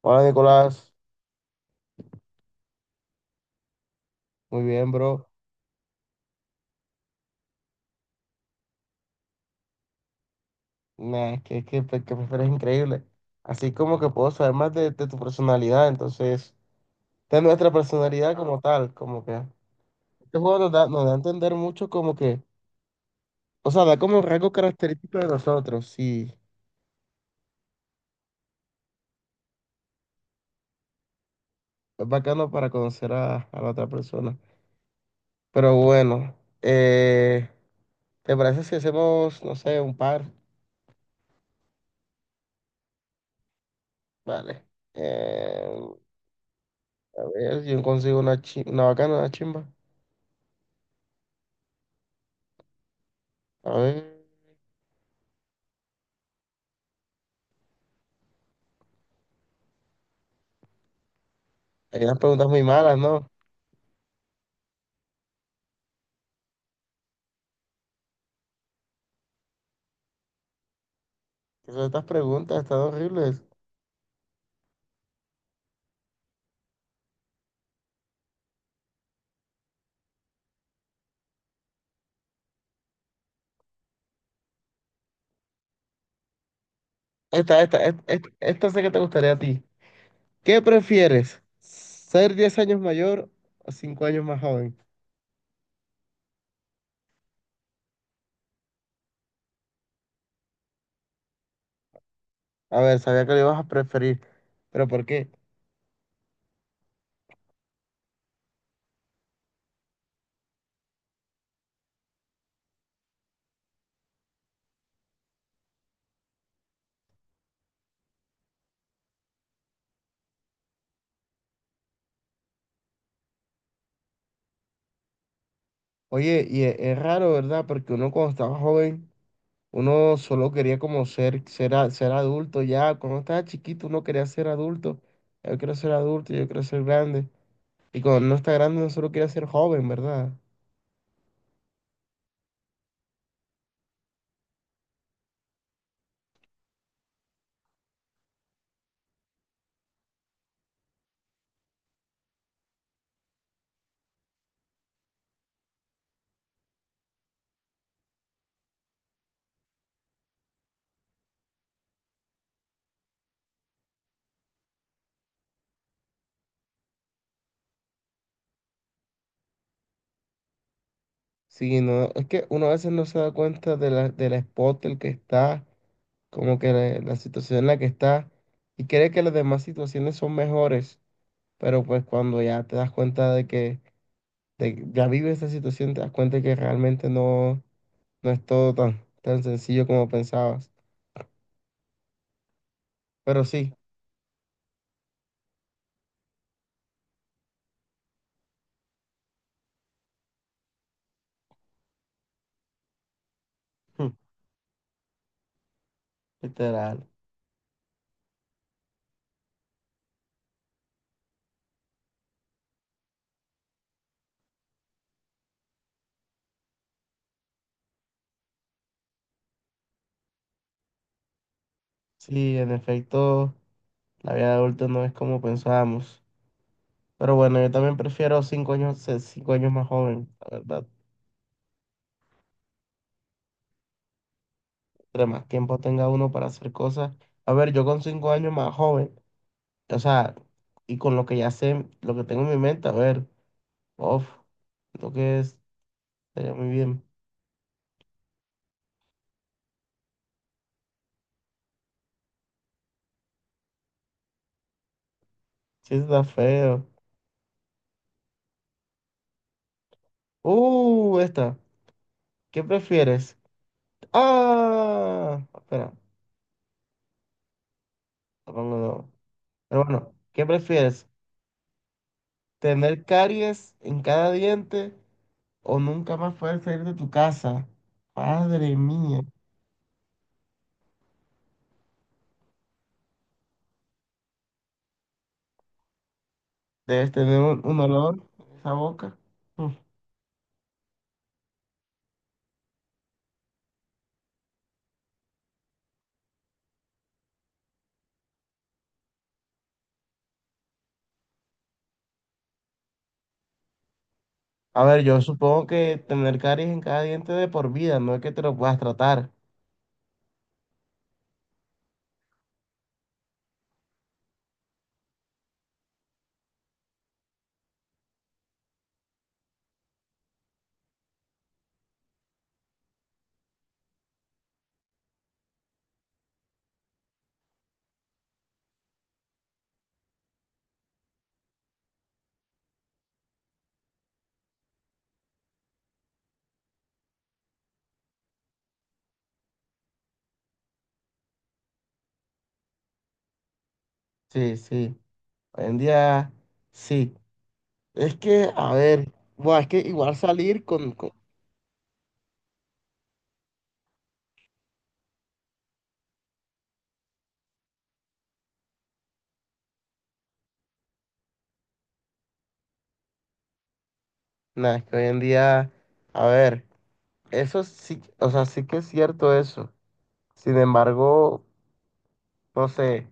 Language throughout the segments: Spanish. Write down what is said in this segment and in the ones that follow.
Hola Nicolás, muy bien bro. Nah, es que, pues, eres increíble. Así como que puedo saber más de tu personalidad, entonces, de nuestra personalidad como tal, como que este juego nos da a entender mucho como que, o sea, da como un rasgo característico de nosotros y es bacano para conocer a la otra persona. Pero bueno, eh, ¿te parece si hacemos, no sé, un par? Vale. Eh, a ver, yo consigo una bacana, una chimba. A ver. Hay unas preguntas muy malas, ¿no? ¿Qué son estas preguntas? Están horribles. Esta sé que te gustaría a ti. ¿Qué prefieres? ¿Ser 10 años mayor o 5 años más joven? A ver, sabía que lo ibas a preferir, pero ¿por qué? Oye, es raro, ¿verdad? Porque uno cuando estaba joven, uno solo quería como ser adulto ya. Cuando estaba chiquito, uno quería ser adulto. Yo quiero ser adulto, yo quiero ser grande. Y cuando uno está grande, uno solo quiere ser joven, ¿verdad? Sí, no, es que uno a veces no se da cuenta de la, del spot el que está, como que la situación en la que está, y cree que las demás situaciones son mejores, pero pues cuando ya te das cuenta de que ya vives esa situación, te das cuenta que realmente no es todo tan, tan sencillo como pensabas. Pero sí. Hmm. Literal. Sí, en efecto, la vida de adulto no es como pensábamos. Pero bueno, yo también prefiero 5 años, ser 5 años más joven, la verdad. Entre más tiempo tenga uno para hacer cosas. A ver, yo con 5 años más joven, o sea, y con lo que ya sé, lo que tengo en mi mente, a ver, uff, lo que es, estaría muy bien. Sí, está feo. Esta, ¿qué prefieres? Ah, espera, lo pongo de nuevo. Pero bueno, ¿qué prefieres? ¿Tener caries en cada diente o nunca más poder salir de tu casa? Madre mía, debes tener un olor en esa boca. A ver, yo supongo que tener caries en cada diente de por vida, no es que te lo puedas tratar. Sí, sí. Hoy en día, sí. Es que, a ver, buah, es que igual salir con. Nah, es que hoy en día, a ver, eso sí, o sea, sí que es cierto eso. Sin embargo, no sé,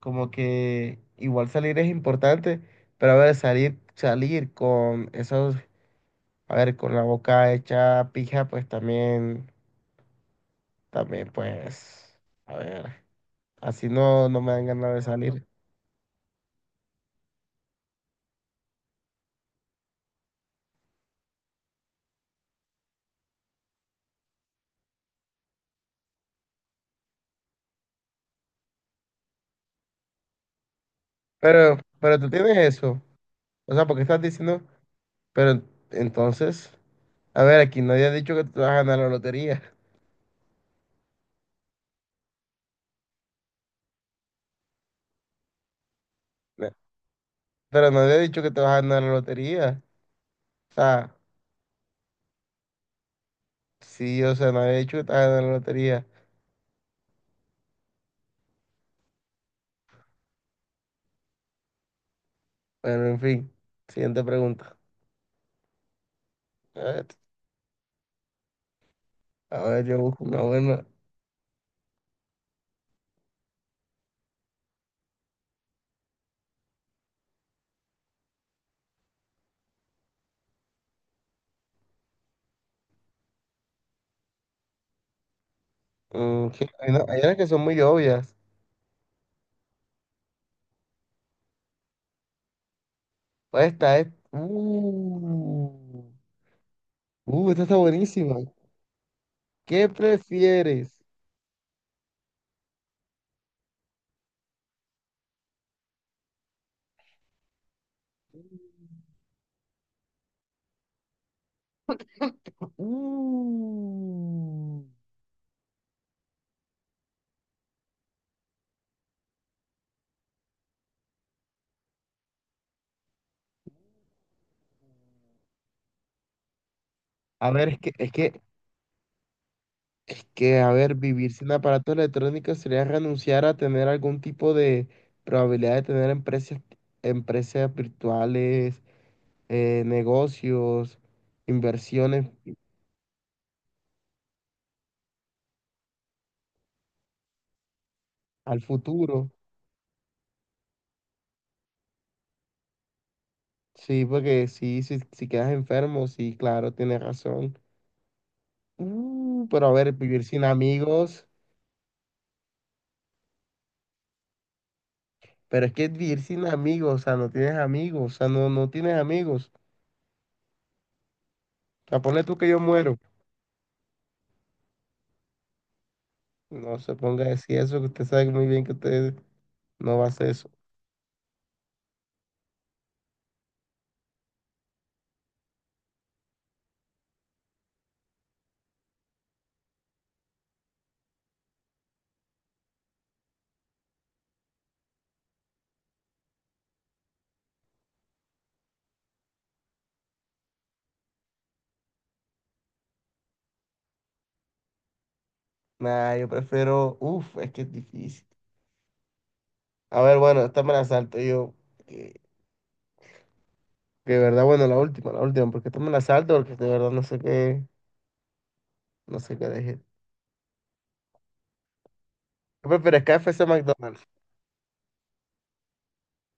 como que igual salir es importante, pero a ver, salir, salir con esos, a ver, con la boca hecha pija, pues también, también, pues, a ver. Así no, no me dan ganas de salir. Pero tú tienes eso. O sea, ¿por qué estás diciendo? Pero entonces, a ver, aquí nadie ha dicho que tú te vas a ganar la lotería. Na- Pero nadie ha dicho que te vas a ganar la lotería. O sea, sí, o sea, nadie ha dicho que te vas a ganar la lotería. Bueno, en fin. Siguiente pregunta. A ver, a ver, yo busco una buena. Mm, que- hay, hay unas que son muy obvias. Pues esta es. Esta está buenísima. ¿Qué prefieres? Mm. A ver, es que, a ver, vivir sin aparatos electrónicos sería renunciar a tener algún tipo de probabilidad de tener empresas, empresas virtuales, negocios, inversiones al futuro. Sí, porque sí, si quedas enfermo, sí, claro, tienes razón. Pero a ver, vivir sin amigos, pero es que vivir sin amigos, o sea, no tienes amigos, o sea, no, no tienes amigos. O sea, ponle tú que yo muero. No se ponga a decir eso, que usted sabe muy bien que usted no va a hacer eso. Nah, yo prefiero. Uf, es que es difícil. A ver, bueno, esta me la salto yo. Que, que de verdad, bueno, la última, porque esta me la salto, porque de verdad no sé qué, no sé qué dejé. ¿Qué prefieres, KFC o McDonald's?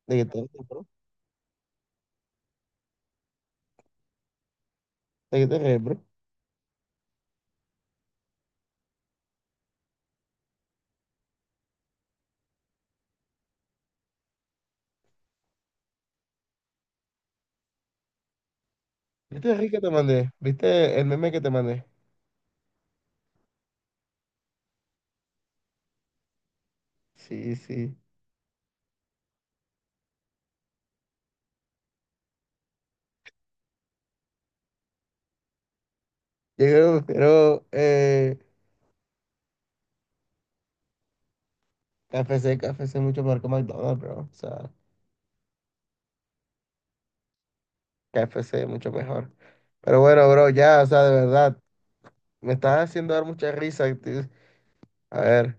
¿De qué te ríes, bro? ¿De qué te ríes, bro? ¿Viste el reel que te mandé? ¿Viste el meme que te mandé? Sí, sí. Yo creo que prefiero KFC, KFC mucho mejor que McDonald's, bro. O sea. KFC, mucho mejor. Pero bueno, bro, ya, o sea, de verdad, me estás haciendo dar mucha risa. A ver,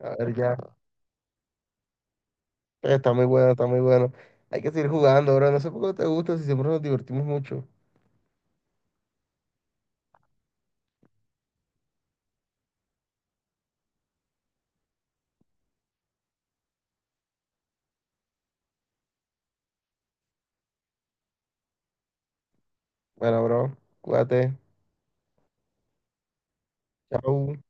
a ver, ya. Está muy bueno, está muy bueno. Hay que seguir jugando, bro. No sé por qué no te gusta, si siempre nos divertimos mucho. Bueno, bro, cuídate. Chao.